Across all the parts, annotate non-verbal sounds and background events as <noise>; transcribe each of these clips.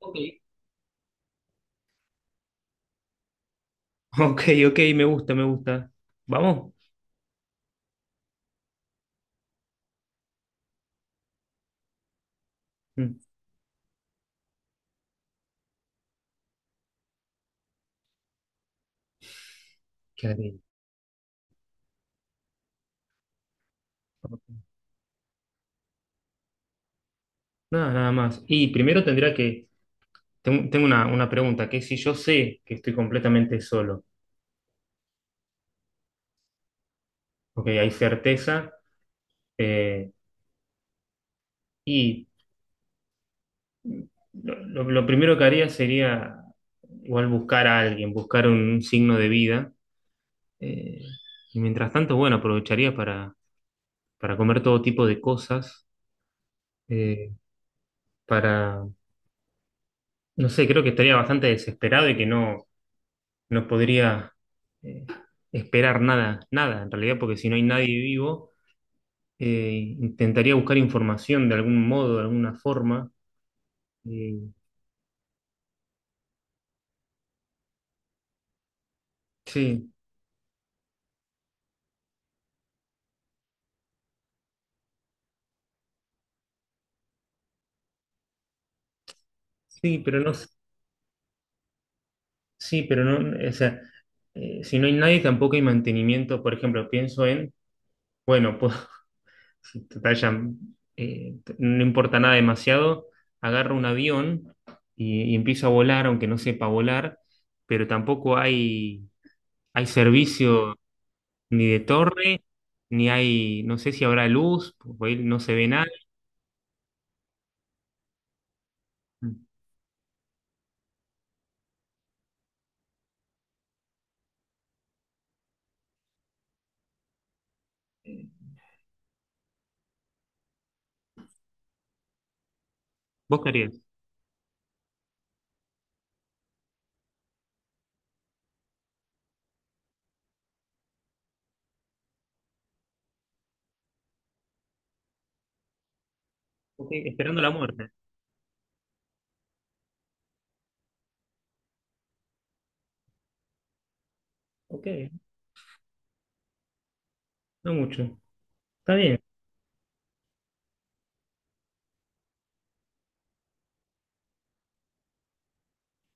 Ok. Ok, ok, me gusta, me gusta. Vamos. Mm. ¿Qué haré? Ok. Nada, nada más. Y primero tendría que. Tengo una pregunta, que es si yo sé que estoy completamente solo, porque hay certeza, eh, y lo primero que haría sería igual buscar a alguien, buscar un signo de vida, eh, y mientras tanto, bueno, aprovecharía para comer todo tipo de cosas, eh, para no sé, creo que estaría bastante desesperado y que no podría eh, esperar nada, nada en realidad, porque si no hay nadie vivo, intentaría buscar información de algún modo, de alguna forma. Eh, sí, sí, pero no, sí, pero no, o sea, si no hay nadie tampoco hay mantenimiento. Por ejemplo, pienso en, bueno, pues, <laughs> si total ya, no importa nada demasiado, agarro un avión y empiezo a volar, aunque no sepa volar, pero tampoco hay servicio ni de torre, ni hay, no sé si habrá luz, porque ahí no se ve nada. Eh, ¿Vos qué harías? Ok, esperando la muerte. Ok, no mucho. Está bien.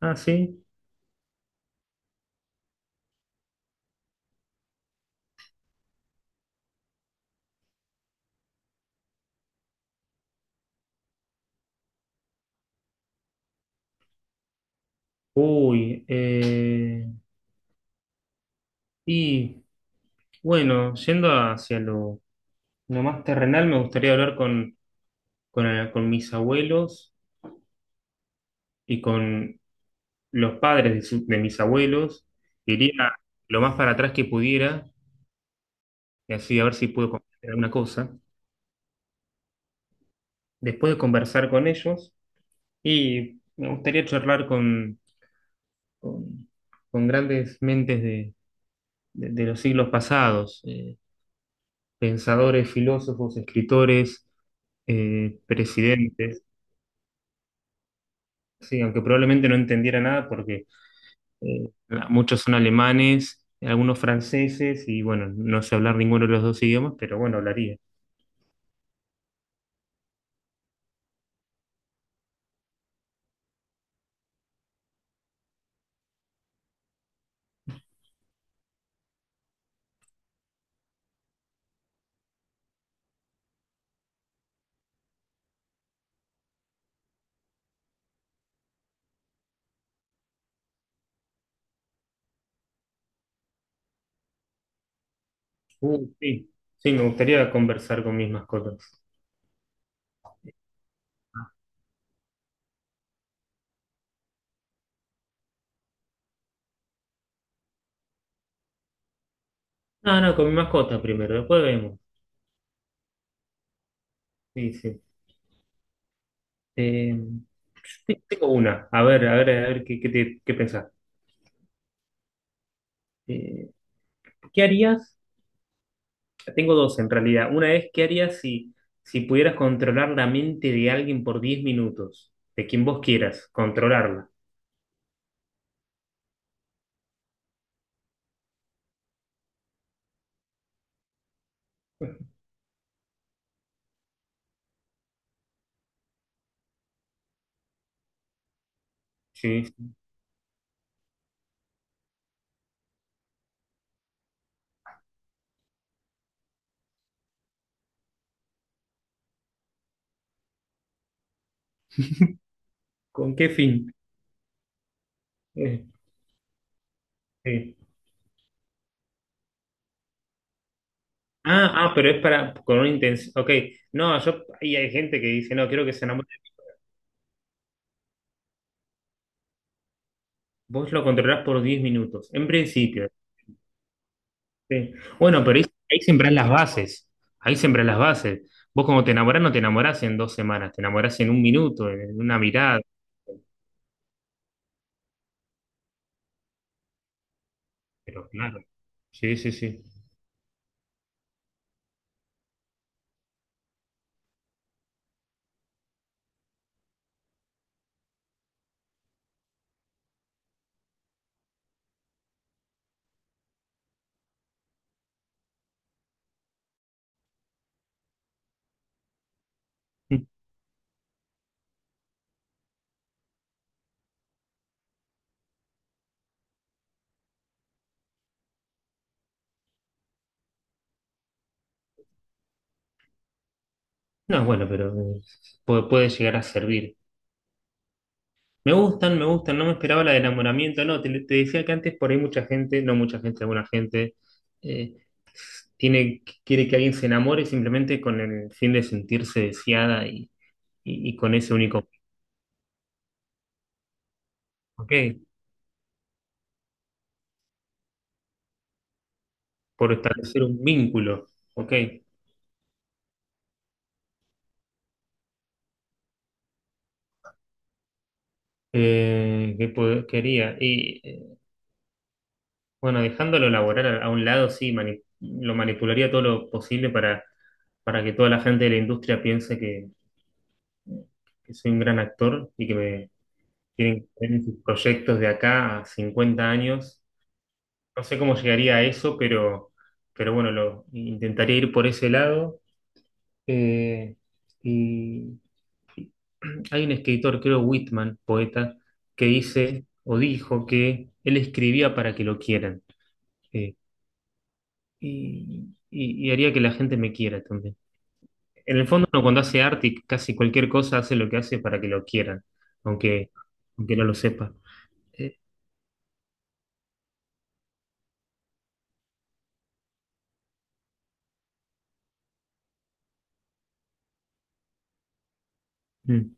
Ah, sí. Uy, y bueno, yendo hacia lo más terrenal, me gustaría hablar con mis abuelos y con los padres de mis abuelos. Iría lo más para atrás que pudiera, y así a ver si puedo comprender alguna cosa después de conversar con ellos. Y me gustaría charlar con, con grandes mentes de los siglos pasados, pensadores, filósofos, escritores, presidentes, sí, aunque probablemente no entendiera nada porque eh, muchos son alemanes, algunos franceses y bueno, no sé hablar ninguno de los dos idiomas, pero bueno, hablaría. Sí, sí, me gustaría conversar con mis mascotas. Ah, no, no, con mi mascota primero, después vemos. Sí, sí. Eh, sí, tengo una. A ver, a ver, a ver qué pensás. Eh, ¿Qué harías? Tengo dos en realidad. Una es, ¿qué harías si pudieras controlar la mente de alguien por 10 minutos? De quien vos quieras, controlarla. Sí. ¿Con qué fin? Eh, sí. Ah, ah, pero es para, con una intención. Ok, no, yo, ahí hay gente que dice, no, quiero que se enamore. Vos lo controlás por 10 minutos, en principio. Sí. Bueno, pero ahí sembrás las bases. Ahí sembrás las bases. Vos como te enamorás, no te enamorás en 2 semanas, te enamorás en un minuto, en una mirada, pero claro. Sí, sí, sí. No, bueno, pero puede llegar a servir. Me gustan, no me esperaba la de enamoramiento, no, te decía que antes por ahí mucha gente, no mucha gente, alguna gente, eh, quiere que alguien se enamore simplemente con el fin de sentirse deseada y con ese único, ok, por establecer un vínculo, ok. Quería. Y bueno, dejándolo laboral a un lado, sí, lo manipularía todo lo posible para que toda la gente de la industria piense que soy un gran actor y que me tienen que ver en sus proyectos de acá a 50 años. No sé cómo llegaría a eso, pero bueno, lo intentaría ir por ese lado. Eh, y hay un escritor, creo Whitman, poeta, que dice o dijo que él escribía para que lo quieran. Eh, y haría que la gente me quiera también. En el fondo, uno cuando hace arte y casi cualquier cosa hace lo que hace para que lo quieran, aunque, aunque no lo sepa. Eh, mm.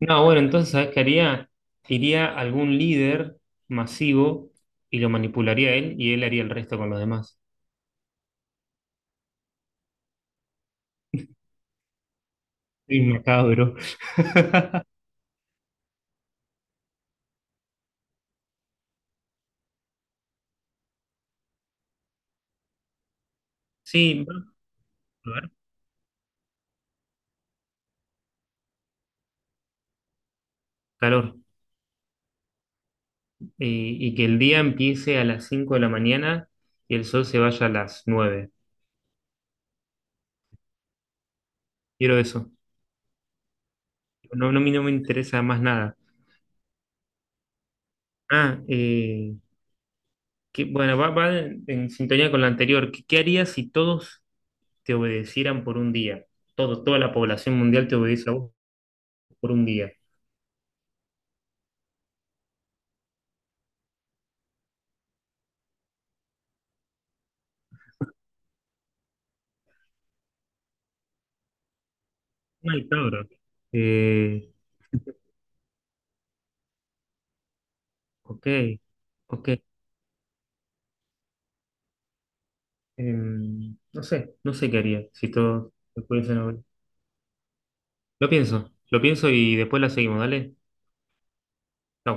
No, bueno, entonces, ¿sabes qué haría? Iría a algún líder masivo y lo manipularía a él y él haría el resto con los demás. Sí, macabro. Sí, va a haber calor. Y que el día empiece a las 5 de la mañana y el sol se vaya a las 9. Quiero eso. No, no, a mí no me interesa más nada. Ah, que, bueno, va en sintonía con lo anterior. ¿Qué harías si todos te obedecieran por un día? Toda la población mundial te obedece a vos por un día. Mal, cabrón. Eh, ok, ok. No sé qué haría si todos te pudiesen obedecer. Lo pienso y después la seguimos, dale. Chau.